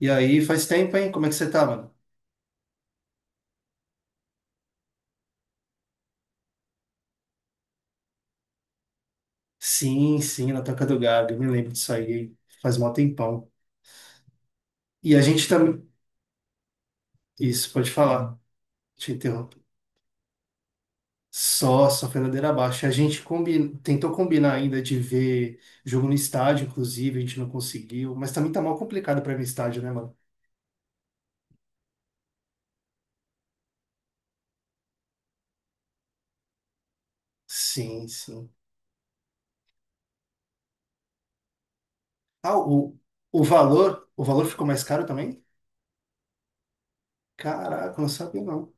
E aí, faz tempo, hein? Como é que você tá, mano? Sim, sim, na Toca do Gago. Eu me lembro disso aí. Faz mó tempão. E a gente também. Isso, pode falar. Te interrompo. Só foi ladeira abaixo. A gente tentou combinar ainda de ver jogo no estádio, inclusive, a gente não conseguiu. Mas também tá mal complicado pra ir no estádio, né, mano? Sim, sim. Ah, o valor ficou mais caro também? Caraca, não sabia não.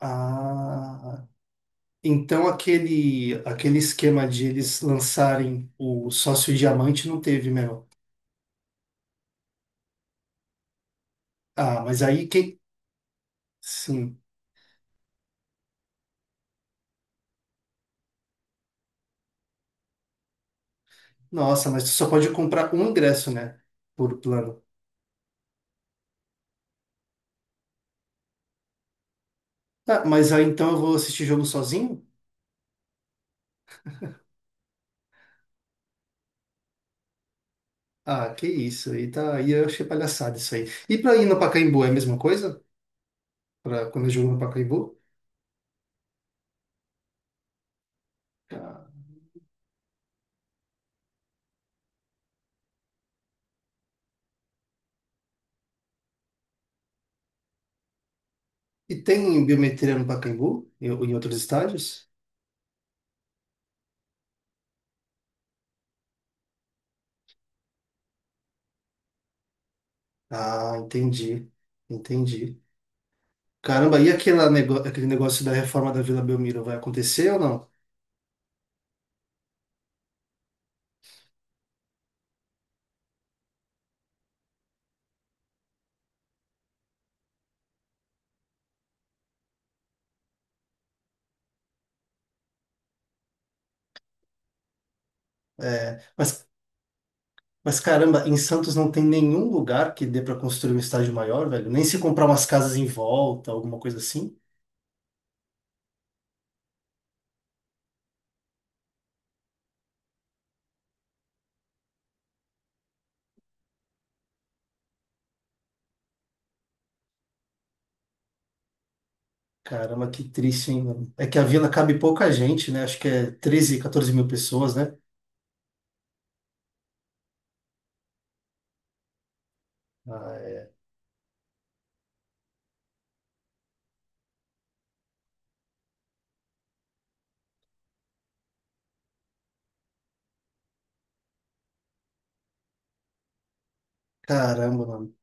Ah, então aquele esquema de eles lançarem o sócio diamante não teve, meu. Ah, mas aí quem. Sim. Nossa, mas tu só pode comprar um ingresso, né? Por plano. Ah, mas aí então eu vou assistir jogo sozinho? Ah, que isso. Aí tá, aí eu achei palhaçada isso aí. E pra ir no Pacaembu é a mesma coisa? Pra quando eu jogo no Pacaembu? E tem biometria no Pacaembu? Em outros estádios? Ah, entendi. Entendi. Caramba, e aquele negócio da reforma da Vila Belmiro vai acontecer ou não? É, mas caramba, em Santos não tem nenhum lugar que dê para construir um estádio maior, velho. Nem se comprar umas casas em volta, alguma coisa assim. Caramba, que triste, hein, mano? É que a vila cabe pouca gente, né? Acho que é 13 14 mil pessoas, né? Ah, é. Caramba, mano.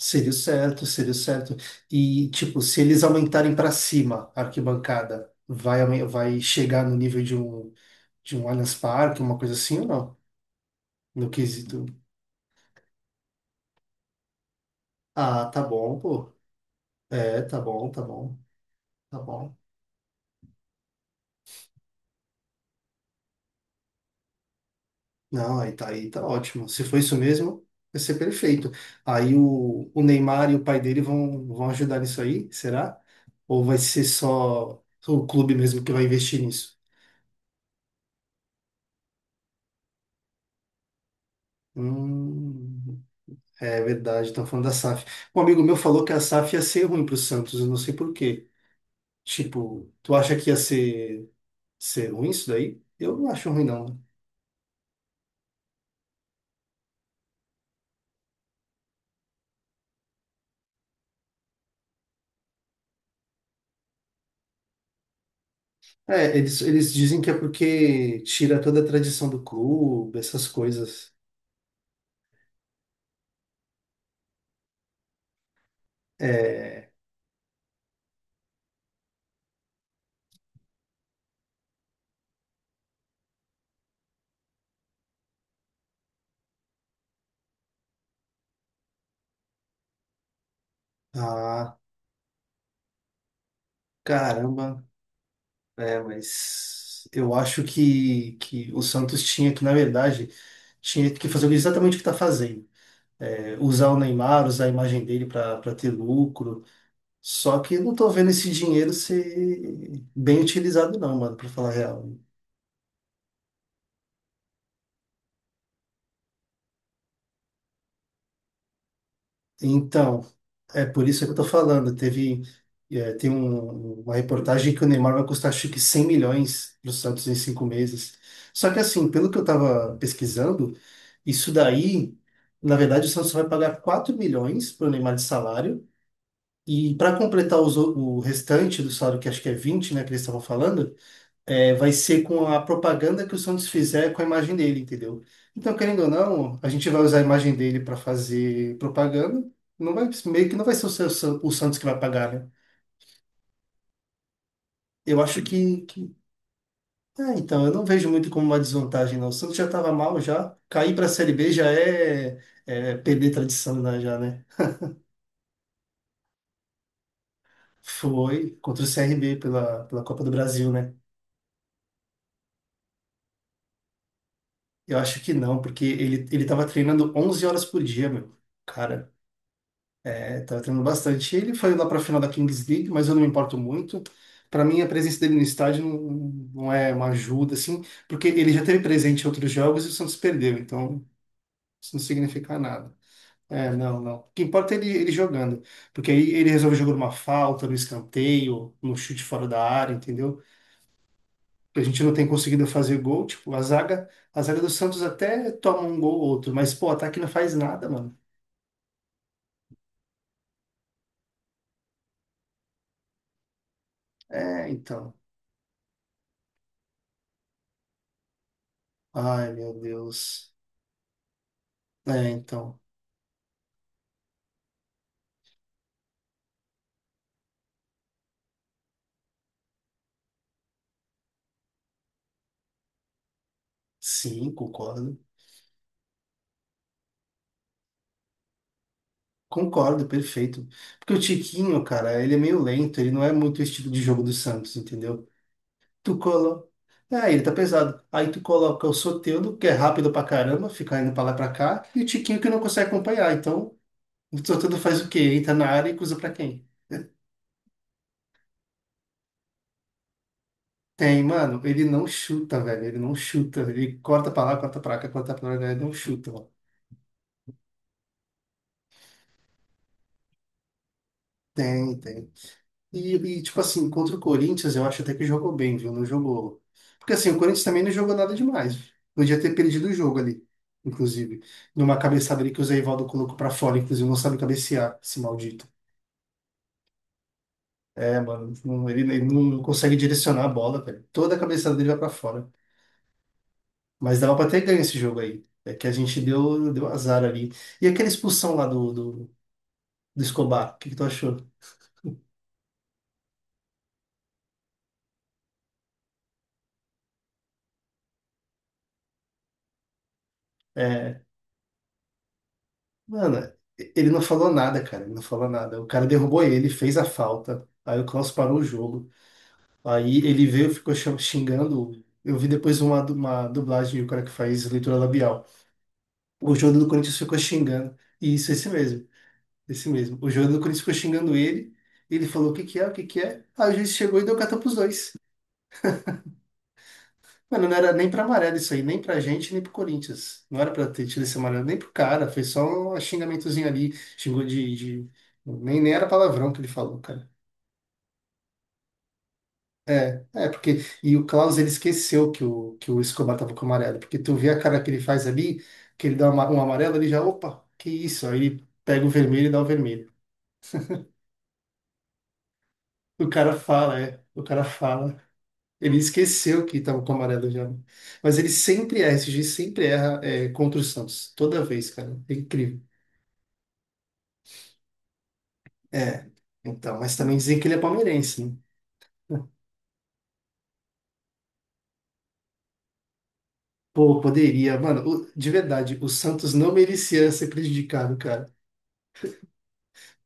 Seria o certo, seria o certo. E, tipo, se eles aumentarem para cima a arquibancada, vai chegar no nível de um, de um Allianz Parque, uma coisa assim ou não? No quesito. Ah, tá bom, pô. É, tá bom, tá bom, tá bom. Não, aí tá ótimo. Se for isso mesmo, vai ser perfeito. Aí o Neymar e o pai dele vão, vão ajudar nisso aí, será? Ou vai ser só o clube mesmo que vai investir nisso? Hum, é verdade, estão falando da SAF. Um amigo meu falou que a SAF ia ser ruim pro Santos, eu não sei por quê. Tipo, tu acha que ser ruim isso daí? Eu não acho ruim, não. É, eles dizem que é porque tira toda a tradição do clube, essas coisas. É, ah, caramba. É, mas eu acho que o Santos tinha que, na verdade, tinha que fazer exatamente o que está fazendo. É, usar o Neymar, usar a imagem dele para ter lucro. Só que eu não tô vendo esse dinheiro ser bem utilizado, não, mano, para falar a real. Então, é por isso que eu tô falando. Teve, é, tem um- uma reportagem que o Neymar vai custar acho que 100 milhões para o Santos em 5 meses. Só que assim, pelo que eu estava pesquisando, isso daí, na verdade, o Santos vai pagar 4 milhões para o Neymar de salário. E para completar os o restante do salário, que acho que é 20 né, que eles estavam falando, é, vai ser com a propaganda que o Santos fizer com a imagem dele, entendeu? Então, querendo ou não, a gente vai usar a imagem dele para fazer propaganda. Não vai, meio que não vai ser o Santos que vai pagar, né? Eu acho que... É, então, eu não vejo muito como uma desvantagem, não. O Santos já estava mal, já. Cair para a Série B já é, é perder tradição, né, já, né? Foi contra o CRB pela, pela Copa do Brasil, né? Eu acho que não, porque ele estava treinando 11 horas por dia, meu. Cara, é, tá treinando bastante. Ele foi lá para a final da Kings League, mas eu não me importo muito. Para mim, a presença dele no estádio não, não é uma ajuda, assim, porque ele já teve presente em outros jogos e o Santos perdeu, então isso não significa nada. É, não, não. O que importa é ele jogando, porque aí ele resolve jogar uma falta, no escanteio, no chute fora da área, entendeu? A gente não tem conseguido fazer gol, tipo, a zaga do Santos até toma um gol ou outro, mas, pô, o ataque não faz nada, mano. É, então. Ai, meu Deus. É, então. Sim, concordo. Concordo, perfeito. Porque o Tiquinho, cara, ele é meio lento, ele não é muito o estilo de jogo do Santos, entendeu? Tu colo... Ah, ele tá pesado. Aí tu coloca o Soteldo, que é rápido pra caramba, fica indo pra lá e pra cá, e o Tiquinho que não consegue acompanhar. Então, o Soteldo faz o quê? Entra na área e cruza pra quem? Tem, mano, ele não chuta, velho, ele não chuta. Ele corta pra lá, corta pra cá, corta pra lá, ele não chuta, mano. Tem, tem. Tipo assim, contra o Corinthians, eu acho até que jogou bem, viu? Não jogou. Porque assim, o Corinthians também não jogou nada demais. Podia ter perdido o jogo ali, inclusive. Numa cabeçada ali que o Zé Ivaldo colocou pra fora, inclusive, não sabe cabecear, esse maldito. É, mano, ele não consegue direcionar a bola, velho. Toda a cabeçada dele vai pra fora. Mas dava pra ter ganho esse jogo aí. É que a gente deu, deu azar ali. E aquela expulsão lá do Escobar, o que que tu achou? É, mano, ele não falou nada, cara. Ele não falou nada. O cara derrubou ele, fez a falta. Aí o Klaus parou o jogo. Aí ele veio, xingando. Eu vi depois uma, uma dublagem, o cara que faz leitura labial. O jogador do Corinthians ficou xingando. E isso, esse mesmo. Esse mesmo. O jogador do Corinthians ficou xingando ele. Ele falou: o que que é, o que que é? Aí o juiz chegou e deu carta pros dois. Mano, não era nem pra amarelo isso aí, nem pra gente, nem pro Corinthians. Não era pra ter tido esse amarelo, nem pro cara. Foi só um xingamentozinho ali. De- nem era palavrão que ele falou, cara. É, porque. E o Klaus, ele esqueceu que o Escobar tava com amarelo. Porque tu vê a cara que ele faz ali, que um amarelo, ele já, opa, que isso? Aí ele pega o vermelho e dá o vermelho. O cara fala, é. O cara fala. Ele esqueceu que tava com amarelo já, né? Mas ele sempre erra, esse juiz sempre erra, é, contra o Santos. Toda vez, cara. É incrível. É, então, mas também dizem que ele é palmeirense, né? Pô, poderia. Mano, de verdade, o Santos não merecia ser prejudicado, cara.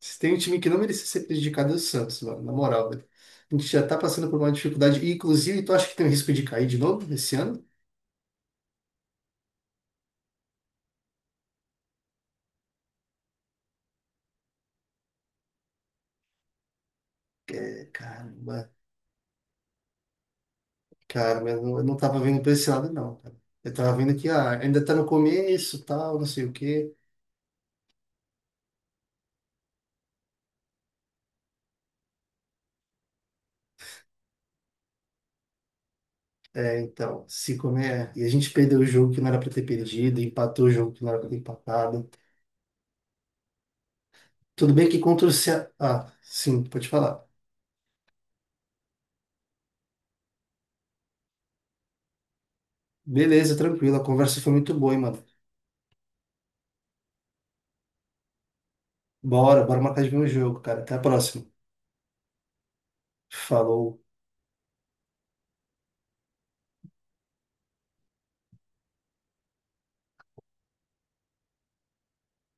Se tem um time que não merecia ser prejudicado, é o Santos, mano, na moral, velho. A gente já tá passando por uma dificuldade. E, inclusive, tu acha que tem um risco de cair de novo esse ano? É, caramba, cara, mas eu não tava vendo pra esse lado, não, cara. Eu tava vendo que ah, ainda tá no começo, tal, não sei o quê. É, então, se comer. E a gente perdeu o jogo que não era pra ter perdido, empatou o jogo que não era pra ter empatado. Tudo bem que contra o Ceará. Ah, sim, pode falar. Beleza, tranquilo. A conversa foi muito boa, hein, mano. Bora, bora marcar de ver um jogo, cara. Até a próxima. Falou.